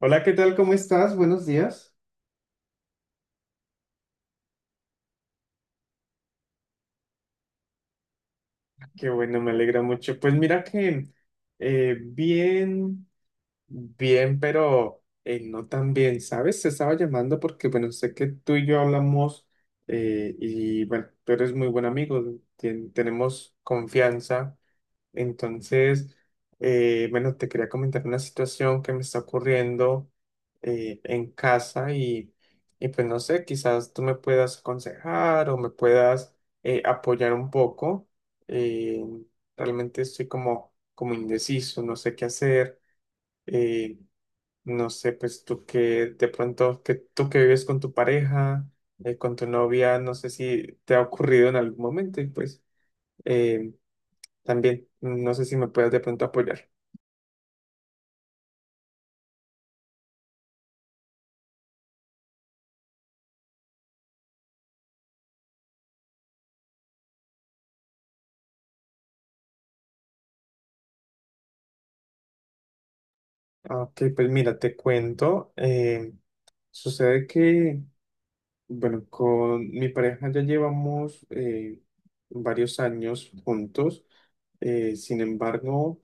Hola, ¿qué tal? ¿Cómo estás? Buenos días. Qué bueno, me alegra mucho. Pues mira que bien, bien, pero no tan bien, ¿sabes? Te estaba llamando porque, bueno, sé que tú y yo hablamos, y, bueno, tú eres muy buen amigo, tenemos confianza. Entonces, bueno, te quería comentar una situación que me está ocurriendo en casa y pues no sé, quizás tú me puedas aconsejar o me puedas apoyar un poco. Eh, Realmente estoy como, como indeciso, no sé qué hacer. eh, no sé, pues tú que de pronto, que tú que vives con tu pareja, con tu novia, no sé si te ha ocurrido en algún momento y pues... em, también, no sé si me puedes de pronto apoyar. Ah, ok, pues mira, te cuento. Sucede que, bueno, con mi pareja ya llevamos, varios años juntos. Sin embargo,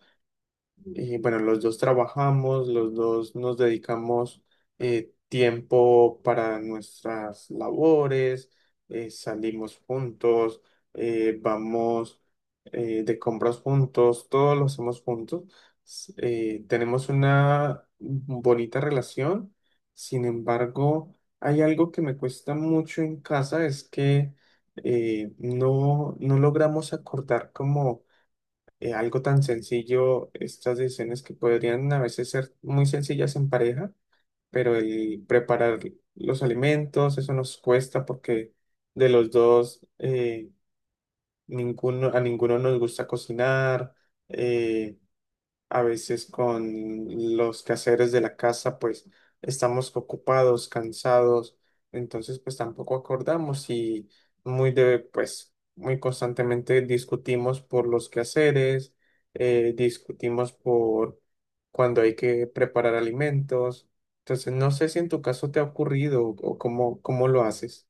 y bueno, los dos trabajamos, los dos nos dedicamos tiempo para nuestras labores, salimos juntos, vamos de compras juntos, todo lo hacemos juntos. Tenemos una bonita relación, sin embargo, hay algo que me cuesta mucho en casa, es que no, no logramos acordar como algo tan sencillo, estas decisiones que podrían a veces ser muy sencillas en pareja, pero el preparar los alimentos, eso nos cuesta porque de los dos, ninguno, a ninguno nos gusta cocinar. eh, a veces con los quehaceres de la casa, pues estamos ocupados, cansados, entonces pues tampoco acordamos y muy de, pues muy constantemente discutimos por los quehaceres, discutimos por cuando hay que preparar alimentos. Entonces no sé si en tu caso te ha ocurrido o cómo, cómo lo haces.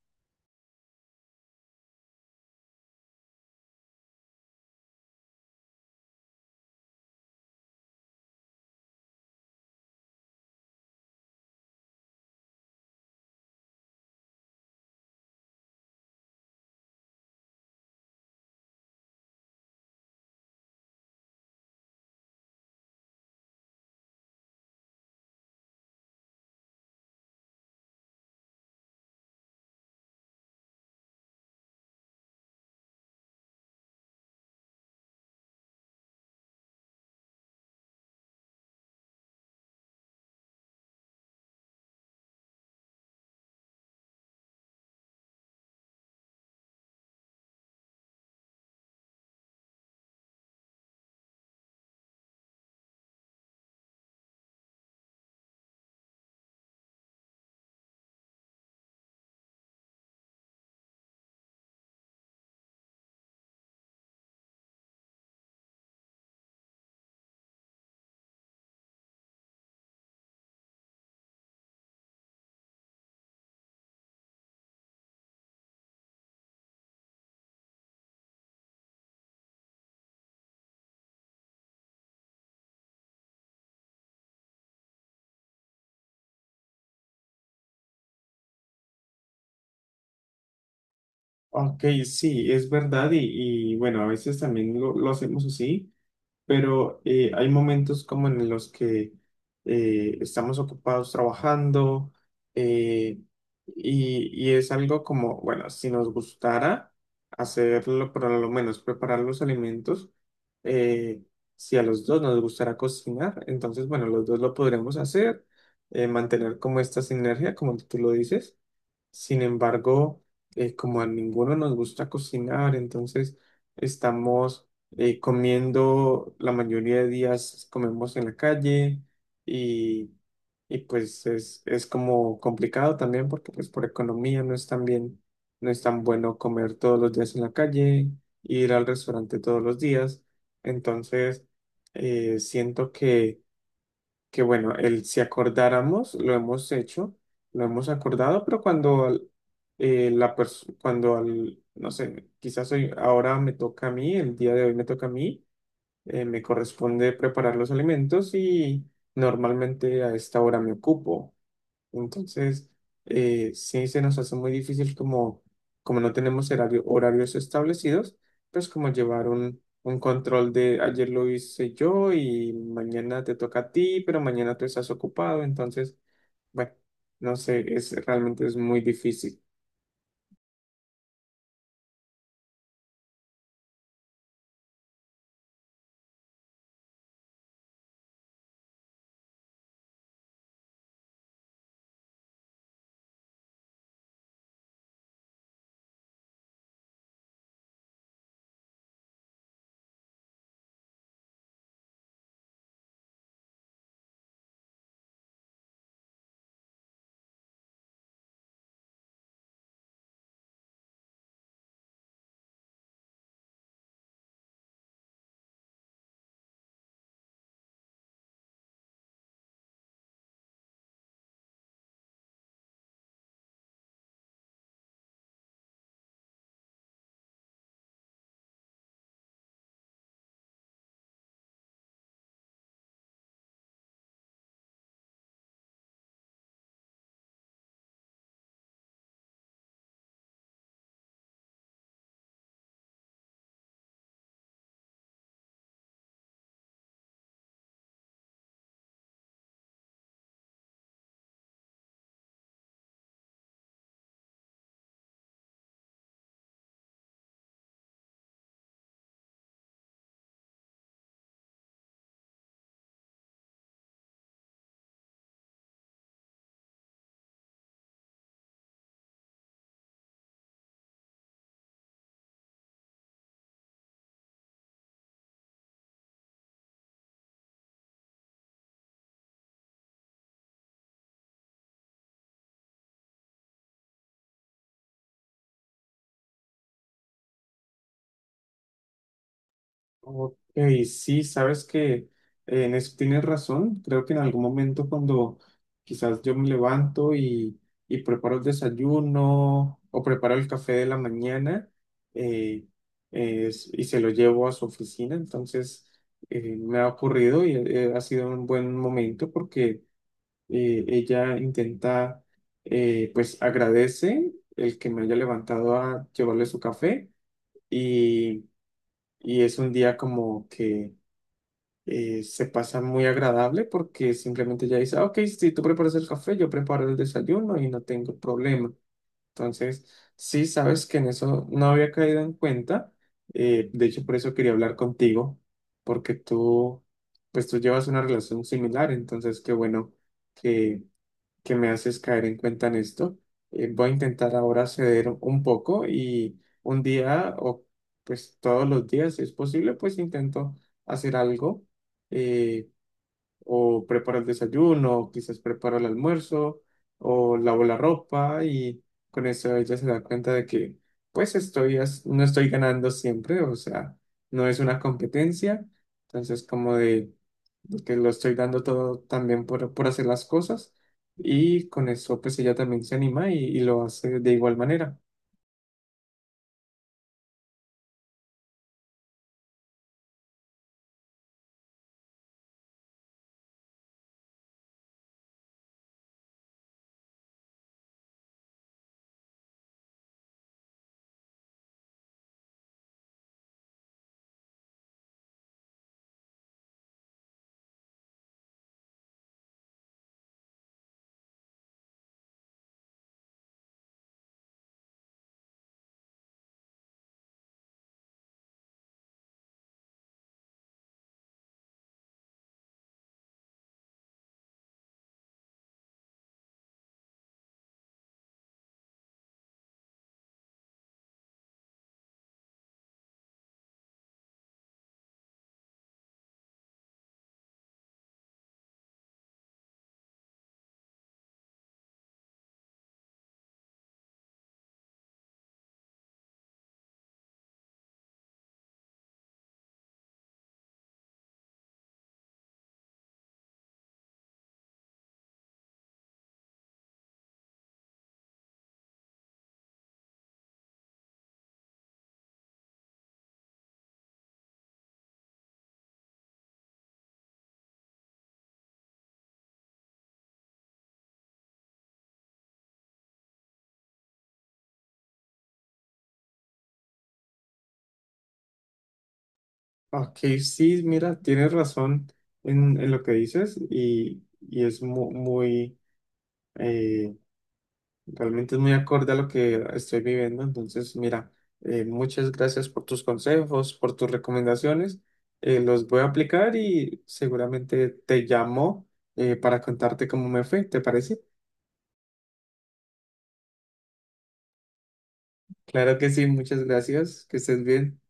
Ok, sí, es verdad y bueno, a veces también lo hacemos así. Pero hay momentos como en los que estamos ocupados trabajando, eh, y es algo como, bueno, si nos gustara hacerlo, por lo menos preparar los alimentos, eh, si a los dos nos gustara cocinar, entonces, bueno, los dos lo podremos hacer, mantener como esta sinergia, como tú lo dices. Sin embargo, como a ninguno nos gusta cocinar, entonces estamos comiendo, la mayoría de días comemos en la calle y, y pues es como complicado también porque pues por economía no es tan bien, no es tan bueno comer todos los días en la calle, ir al restaurante todos los días. Entonces, siento que bueno, el si acordáramos, lo hemos hecho, lo hemos acordado, pero cuando la persona, cuando al, no sé, quizás hoy, ahora me toca a mí, el día de hoy me toca a mí, me corresponde preparar los alimentos y normalmente a esta hora me ocupo. Entonces, sí se nos hace muy difícil como, como no tenemos horarios establecidos, pues como llevar un control de ayer lo hice yo y mañana te toca a ti, pero mañana tú estás ocupado. Entonces, bueno, no sé, es realmente es muy difícil. Ok, sí, sabes que en eso tienes razón. Creo que en algún momento cuando quizás yo me levanto y preparo el desayuno o preparo el café de la mañana, eh, y se lo llevo a su oficina, entonces me ha ocurrido y ha sido un buen momento porque ella intenta, pues agradece el que me haya levantado a llevarle su café y, y es un día como que se pasa muy agradable porque simplemente ya dice: "Ah, ok, si tú preparas el café, yo preparo el desayuno y no tengo problema". Entonces, sí, sabes que en eso no había caído en cuenta. De hecho, por eso quería hablar contigo, porque tú, pues tú llevas una relación similar, entonces qué bueno que que me haces caer en cuenta en esto. Voy a intentar ahora ceder un poco y un día o pues todos los días, si es posible, pues intento hacer algo, eh, o preparo el desayuno, o quizás preparo el almuerzo o lavo la ropa y con eso ella se da cuenta de que pues estoy, no estoy ganando siempre, o sea, no es una competencia. Entonces, como de que lo estoy dando todo también por hacer las cosas y con eso pues ella también se anima y lo hace de igual manera. Ok, sí, mira, tienes razón en lo que dices y es muy, eh, realmente es muy acorde a lo que estoy viviendo. Entonces, mira, muchas gracias por tus consejos, por tus recomendaciones. Los voy a aplicar y seguramente te llamo para contarte cómo me fue, ¿te parece? Claro que sí, muchas gracias, que estés bien.